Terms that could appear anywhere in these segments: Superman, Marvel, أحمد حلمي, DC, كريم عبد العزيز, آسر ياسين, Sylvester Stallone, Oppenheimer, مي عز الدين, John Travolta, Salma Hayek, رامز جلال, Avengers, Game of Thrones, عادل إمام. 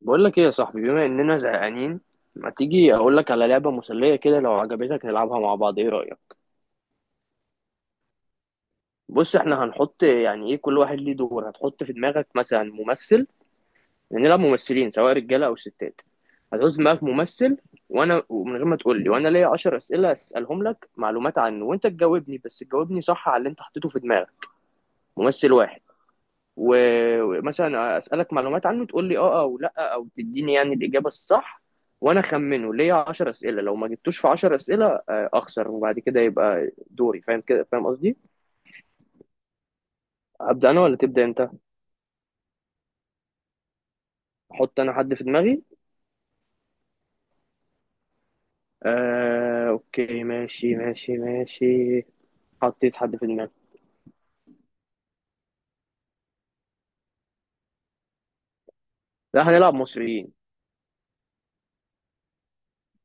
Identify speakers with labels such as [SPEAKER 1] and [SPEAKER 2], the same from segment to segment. [SPEAKER 1] بقول لك ايه يا صاحبي، بما اننا زهقانين ما تيجي اقول لك على لعبه مسليه كده؟ لو عجبتك نلعبها مع بعض، ايه رايك؟ بص، احنا هنحط يعني ايه كل واحد ليه دور، هتحط في دماغك مثلا ممثل. نلعب ممثلين، سواء رجاله او ستات. هتحط في دماغك ممثل، وانا ومن غير ما تقول لي، وانا ليا 10 اسئله اسالهم لك معلومات عنه، وانت تجاوبني، بس تجاوبني صح على اللي انت حطيته في دماغك. ممثل واحد. ومثلا اسالك معلومات عنه تقول لي اه او لا، او تديني يعني الاجابه الصح، وانا اخمنه. ليا 10 اسئله، لو ما جبتوش في 10 اسئله اخسر، وبعد كده يبقى دوري. فاهم كده؟ فاهم قصدي؟ ابدا انا ولا تبدا انت؟ احط انا حد في دماغي. آه، اوكي، ماشي ماشي ماشي. حطيت حد في دماغي. لا، هنلعب مصريين.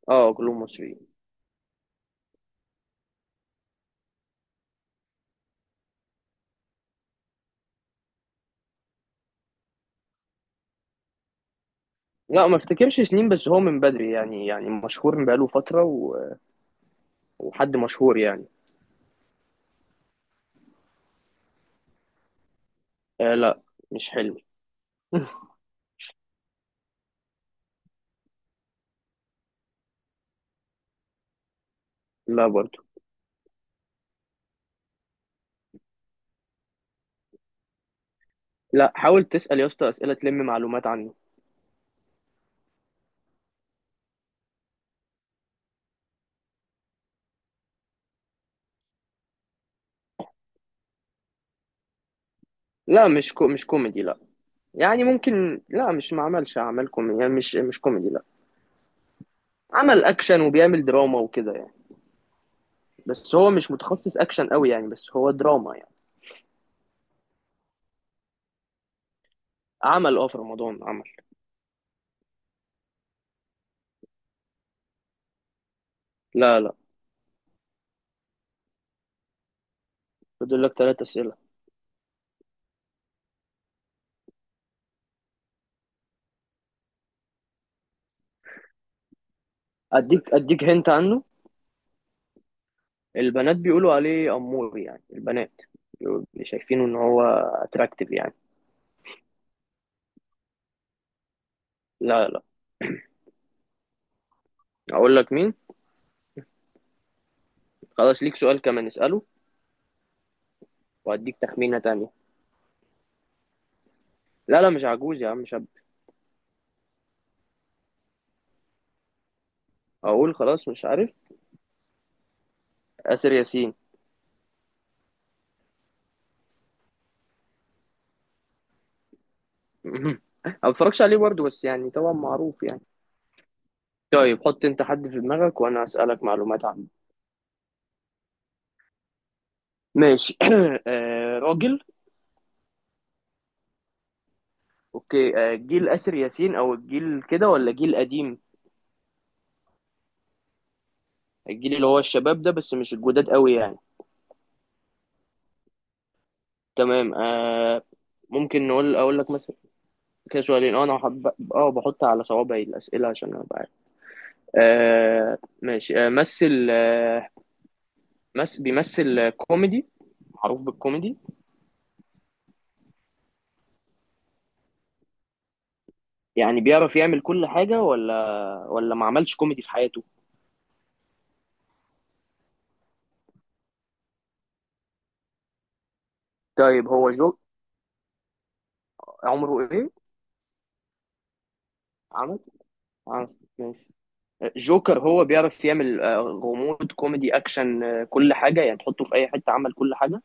[SPEAKER 1] اه، كلهم مصريين. لا، ما افتكرش سنين، بس هو من بدري يعني مشهور من بقاله فتره و... وحد مشهور يعني. آه، لا. مش حلو. لا، برضه. لا، حاول تسأل يا اسطى أسئلة تلم معلومات عنه. لا، مش كوميدي، لا. يعني ممكن، لا، مش ما عملش أعمال كوميدي، يعني مش كوميدي لا. عمل أكشن، وبيعمل دراما وكده يعني. بس هو مش متخصص أكشن قوي يعني، بس هو دراما يعني. عمل اه، في رمضان عمل. لا، لا. فاضل لك ثلاث أسئلة. أديك هنت عنه. البنات بيقولوا عليه أمور يعني، البنات بيقولوا، شايفينه إن هو أتراكتيف يعني. لا، لا. أقول لك مين؟ خلاص، ليك سؤال كمان، اسأله وأديك تخمينة تانية. لا لا، مش عجوز يا عم، مش. اقول خلاص مش عارف. آسر ياسين. ما بتفرجش عليه برضه، بس يعني طبعا معروف يعني. طيب حط انت حد في دماغك وانا اسالك معلومات عنه. ماشي. آه، راجل. اوكي، جيل آسر ياسين او الجيل كده، ولا جيل قديم؟ الجيل اللي هو الشباب ده، بس مش الجداد قوي يعني. تمام آه. ممكن اقول لك مثلا. كده سؤالين، اه انا حب. اه، بحط على صوابعي الاسئله عشان ابقى عارف. ماشي، مثل بيمثل كوميدي. معروف بالكوميدي. يعني بيعرف يعمل كل حاجة، ولا ولا ما عملش كوميدي في حياته؟ طيب هو جو عمره ايه. عمل، عمل، ماشي. جوكر. هو بيعرف يعمل غموض، كوميدي، اكشن، كل حاجة يعني، تحطه في اي حتة، عمل كل حاجة.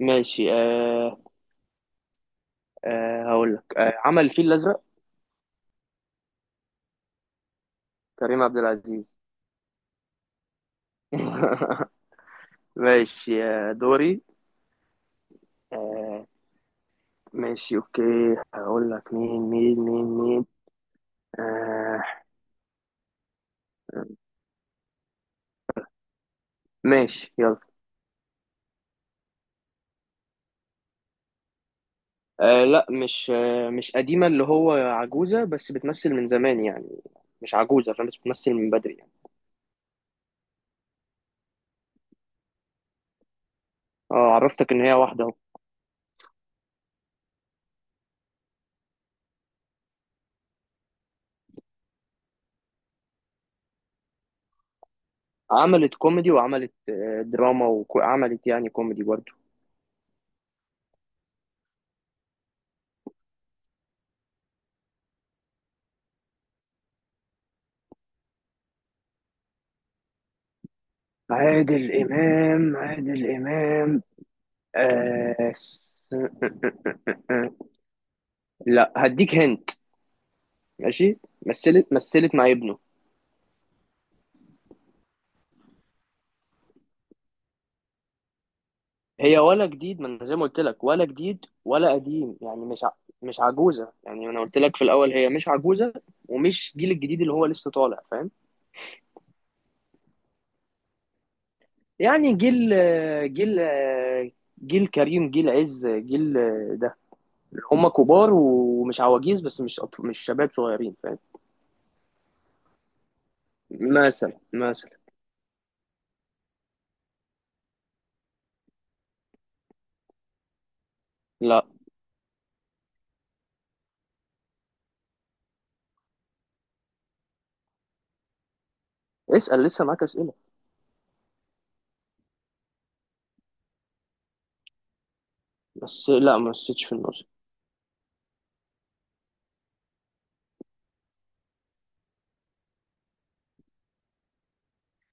[SPEAKER 1] ماشي أه. أه، هقول لك، أه، عمل الفيل الازرق. كريم عبد العزيز. ماشي آه، دوري. أه، ماشي اوكي. هقول لك مين مين مين مين. أه، ماشي يلا. آه لا مش آه مش قديمة اللي هو عجوزة، بس بتمثل من زمان يعني. مش عجوزة فاهم، بس بتمثل من بدري يعني. اه، عرفتك ان هي واحدة اهو. عملت كوميدي، وعملت دراما، وعملت يعني كوميدي برضو. عادل إمام آه س- لا، هديك هنت. ماشي. مثلت مع ابنه. هي ولا جديد، ما انا زي ما قلت لك، ولا جديد ولا قديم يعني مش عجوزه يعني، انا قلت لك في الاول هي مش عجوزه، ومش جيل الجديد اللي هو لسه طالع، فاهم. يعني جيل، جيل، جيل كريم، جيل عز، جيل ده. هم كبار ومش عواجيز، بس مش شباب صغيرين فاهم. مثلا، مثلا. لا. اسال، لسه معاك اسئله. بس لا، ما نسيتش في النص.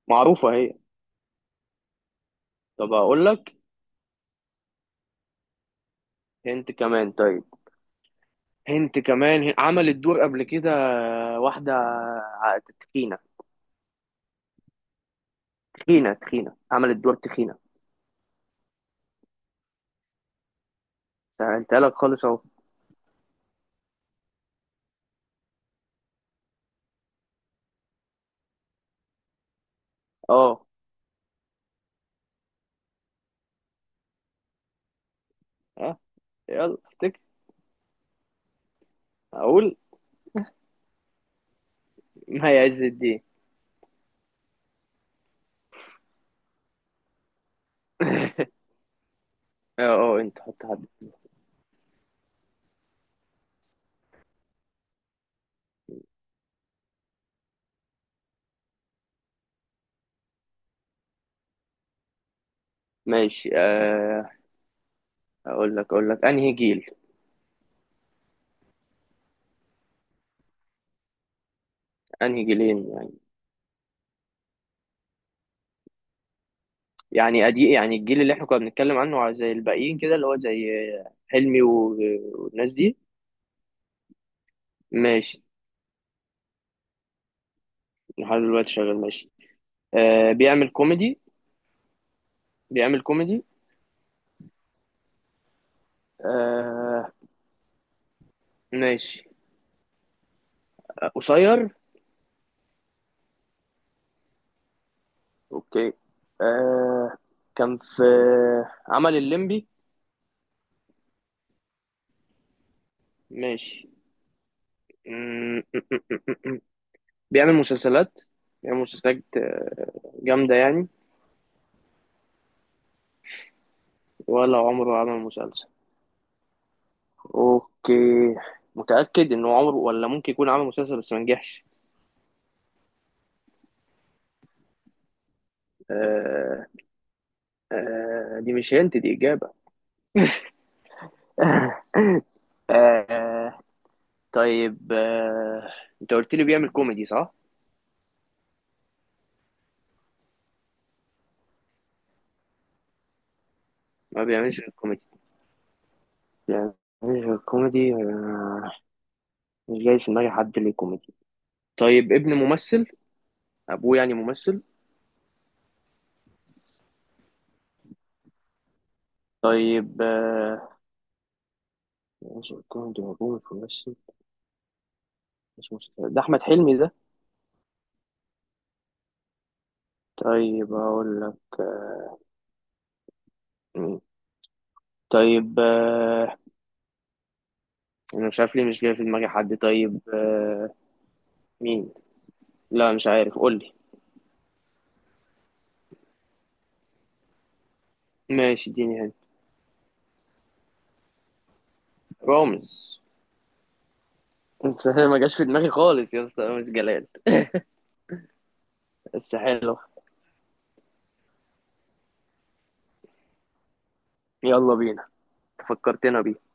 [SPEAKER 1] معروفه هي. طب اقول لك؟ انت كمان طيب، انت كمان عملت دور قبل كده، واحدة تخينة. تخينة عملت دور تخينة. سهلتها لك خالص اهو. اه، اه، يلا افتكر. اقول. مي عز الدين. اه، اه، انت حط حد. ماشي آه، اقول لك انهي جيل. انهي جيلين يعني. يعني ادي يعني الجيل اللي احنا كنا بنتكلم عنه، على زي الباقيين كده، اللي هو زي حلمي والناس دي. ماشي، لحد دلوقتي شغال ماشي. آه، بيعمل كوميدي. بيعمل كوميدي. آه، ماشي قصير. اوكي. آه، كان في، عمل الليمبي. ماشي. م- م- م- م- م. بيعمل مسلسلات، بيعمل مسلسلات آه، جامدة يعني. ولا عمره عمل مسلسل. اوكي. متأكد انه عمره، ولا ممكن يكون عمل مسلسل بس ما نجحش. آه، آه دي مش هنت، دي إجابة. آه، طيب آه، انت قلت لي بيعمل كوميدي صح؟ ما بيعملش الكوميدي. بيعملش الكوميدي. مش جاي في دماغي حد ليه كوميدي. طيب، ابن ممثل؟ ابوه يعني ممثل. طيب آه، يوسف كوهن ده ابوه مش ممثل. مش ممثل، ده احمد حلمي ده. طيب اقول لك آه، مين؟ طيب آه، انا مش عارف ليه مش جاي في دماغي حد. طيب آه، مين؟ لا مش عارف، قول لي. ماشي، اديني هنا. رامز. انت ما جاش في دماغي خالص يا اسطى، رامز جلال. بس حلو. يلا بينا. فكرتنا بيه.